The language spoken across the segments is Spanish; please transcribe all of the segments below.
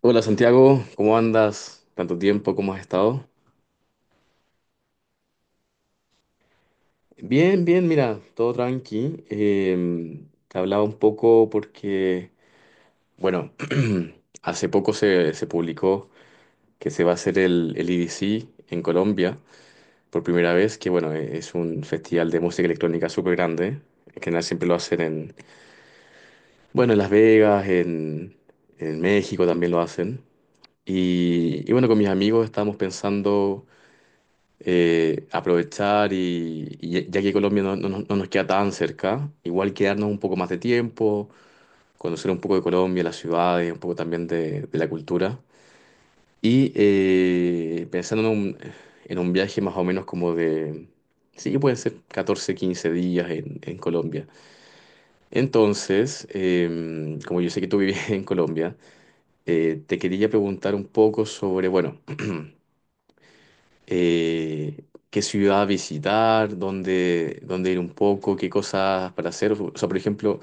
Hola Santiago, ¿cómo andas? ¿Tanto tiempo? ¿Cómo has estado? Bien, bien, mira, todo tranqui. Te hablaba un poco porque, bueno, hace poco se publicó que se va a hacer el EDC en Colombia por primera vez, que bueno, es un festival de música electrónica súper grande. En general siempre lo hacen en, bueno, en Las Vegas, en México también lo hacen. Y bueno, con mis amigos estábamos pensando aprovechar y, y ya que Colombia no, no nos queda tan cerca, igual quedarnos un poco más de tiempo, conocer un poco de Colombia, las ciudades, un poco también de la cultura. Y pensando en un viaje más o menos como de, sí, pueden ser 14 15 días en Colombia. Entonces, como yo sé que tú vives en Colombia, te quería preguntar un poco sobre, bueno, qué ciudad visitar, dónde, dónde ir un poco, qué cosas para hacer. O sea, por ejemplo,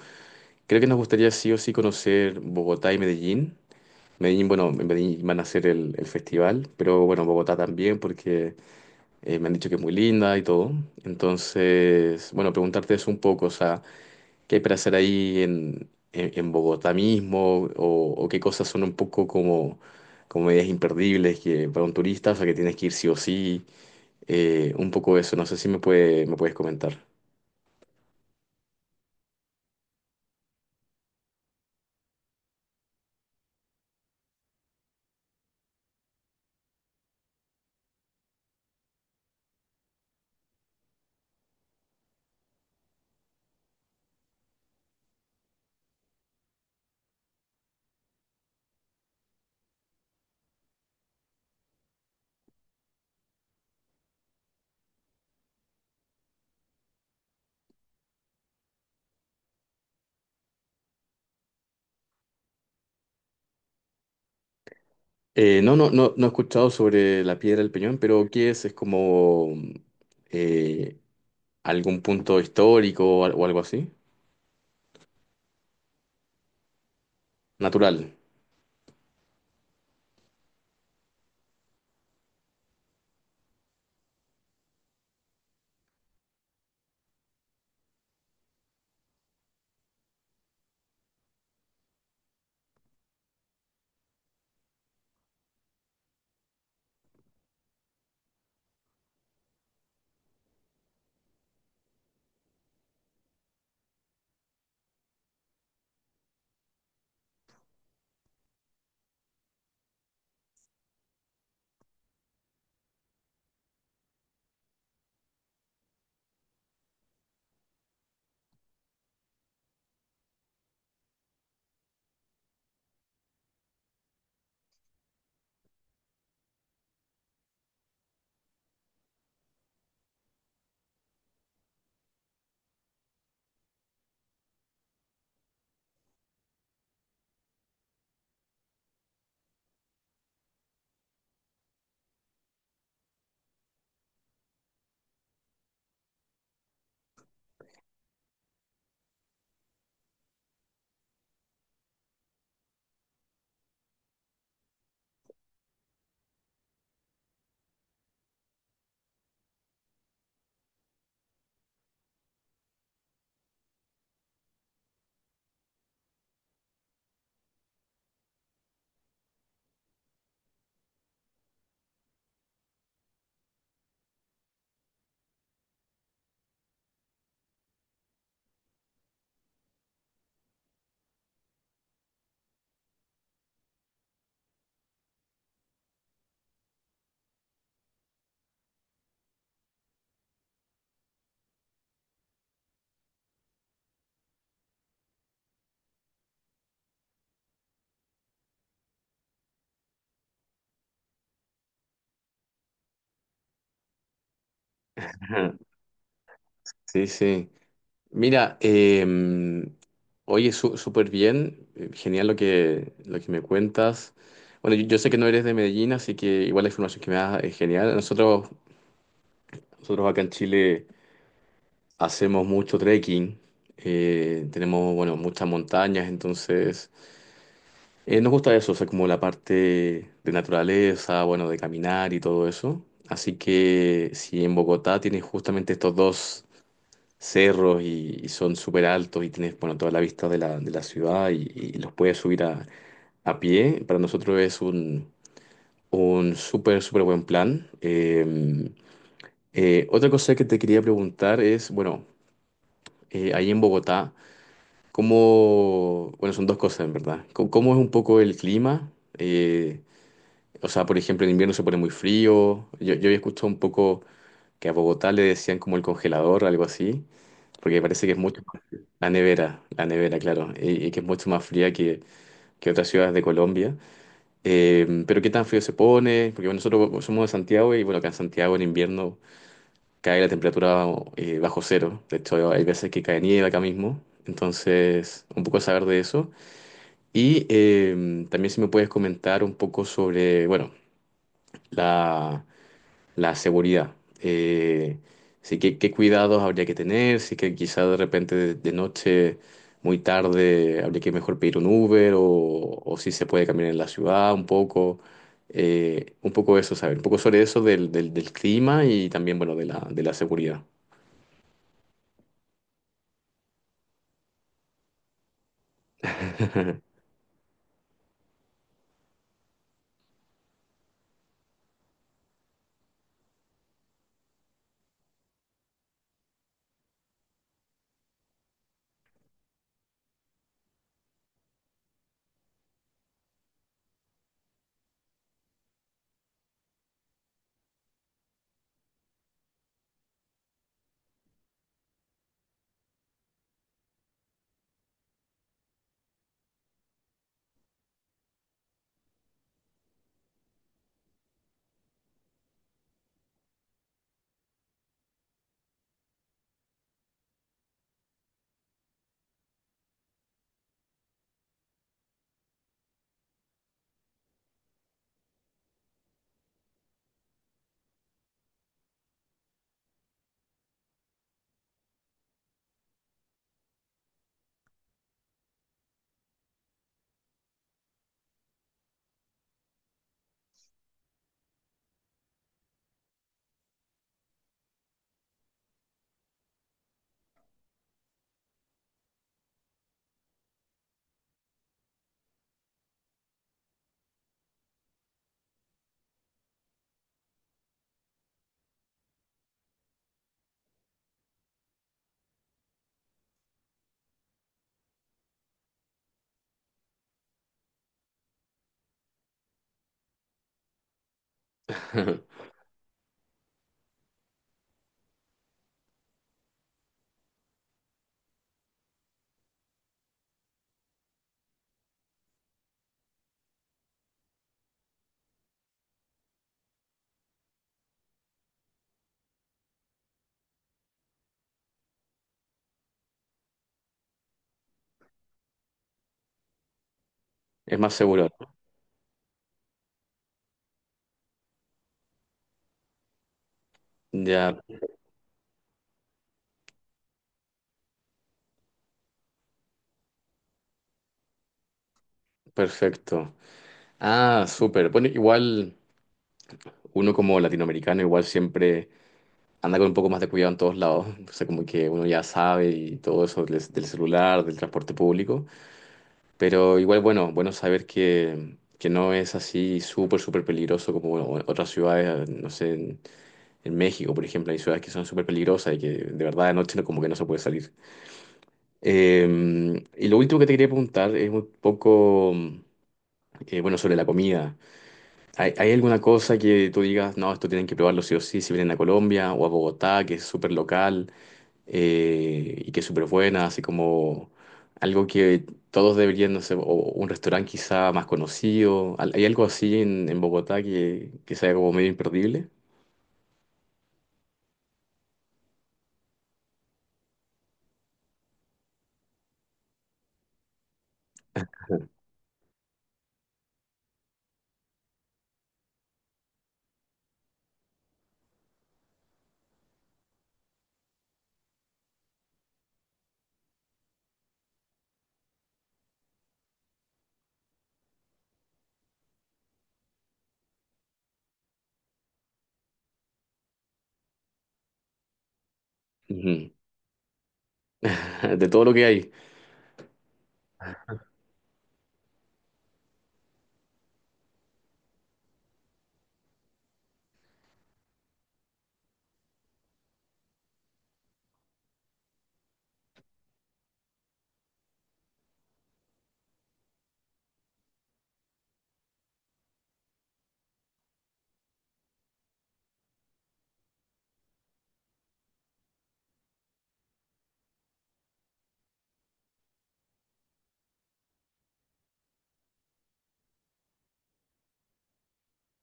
creo que nos gustaría sí o sí conocer Bogotá y Medellín. Medellín, bueno, en Medellín van a hacer el festival, pero bueno, Bogotá también porque me han dicho que es muy linda y todo. Entonces, bueno, preguntarte eso un poco, o sea, ¿qué hay para hacer ahí en Bogotá mismo? ¿O, o qué cosas son un poco como, como medidas imperdibles que para un turista, o sea, que tienes que ir sí o sí? Un poco eso, no sé si me me puedes comentar. No, no, no, no he escuchado sobre la Piedra del Peñón, pero ¿qué es? ¿Es como eh, algún punto histórico o algo así? Natural. Ajá. Sí, sí. Mira, oye, súper bien, genial lo que me cuentas. Bueno, yo sé que no eres de Medellín, así que igual la información que me das es genial. Nosotros acá en Chile... Hacemos mucho trekking, tenemos, bueno, muchas montañas, entonces nos gusta eso, o sea, como la parte de naturaleza, bueno, de caminar y todo eso. Así que si en Bogotá tienes justamente estos dos cerros y son súper altos y tienes, bueno, toda la vista de de la ciudad y los puedes subir a pie, para nosotros es un súper, súper buen plan. Otra cosa que te quería preguntar es, bueno, ahí en Bogotá, ¿cómo, bueno, son dos cosas en verdad? ¿Cómo, cómo es un poco el clima? Eh, o sea, por ejemplo, en invierno se pone muy frío. Yo había escuchado un poco que a Bogotá le decían como el congelador, algo así, porque parece que es mucho más... la nevera, claro, y que es mucho más fría que otras ciudades de Colombia. Pero ¿qué tan frío se pone? Porque bueno, nosotros somos de Santiago y bueno, acá en Santiago en invierno cae la temperatura bajo cero. De hecho, hay veces que cae nieve acá mismo. Entonces, un poco saber de eso. Y también si me puedes comentar un poco sobre, bueno, la, la seguridad. Eh, sí, qué, qué cuidados habría que tener, si que quizá de repente de noche, muy tarde, habría que mejor pedir un Uber o si se puede caminar en la ciudad un poco. Un poco eso, saber, un poco sobre eso del clima y también, bueno, de de la seguridad. Es más seguro. Ya, perfecto. Ah, súper. Bueno, igual, uno como latinoamericano igual siempre anda con un poco más de cuidado en todos lados, o sea, como que uno ya sabe y todo eso del celular, del transporte público, pero igual bueno, bueno saber que no es así súper, súper peligroso como bueno, otras ciudades, no sé, en México, por ejemplo, hay ciudades que son súper peligrosas y que de verdad de noche como que no se puede salir. Y lo último que te quería preguntar es un poco, bueno, sobre la comida. ¿Hay, hay alguna cosa que tú digas, no, esto tienen que probarlo sí o sí, si vienen a Colombia o a Bogotá, que es súper local y que es súper buena, así como algo que todos deberían, no sé, o un restaurante quizá más conocido? Hay algo así en Bogotá que sea como medio imperdible? Ujú. De todo lo que hay.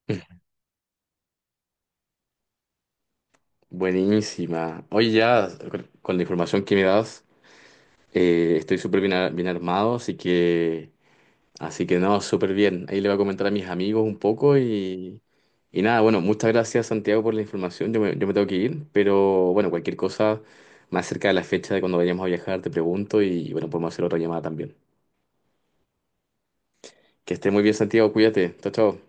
Buenísima. Oye, ya con la información que me das, estoy súper bien, bien armado, así que... Así que no, súper bien. Ahí le voy a comentar a mis amigos un poco y nada, bueno, muchas gracias Santiago por la información. Yo me tengo que ir, pero bueno, cualquier cosa más cerca de la fecha de cuando vayamos a viajar, te pregunto y bueno, podemos hacer otra llamada también. Que esté muy bien Santiago, cuídate. Chao, chao.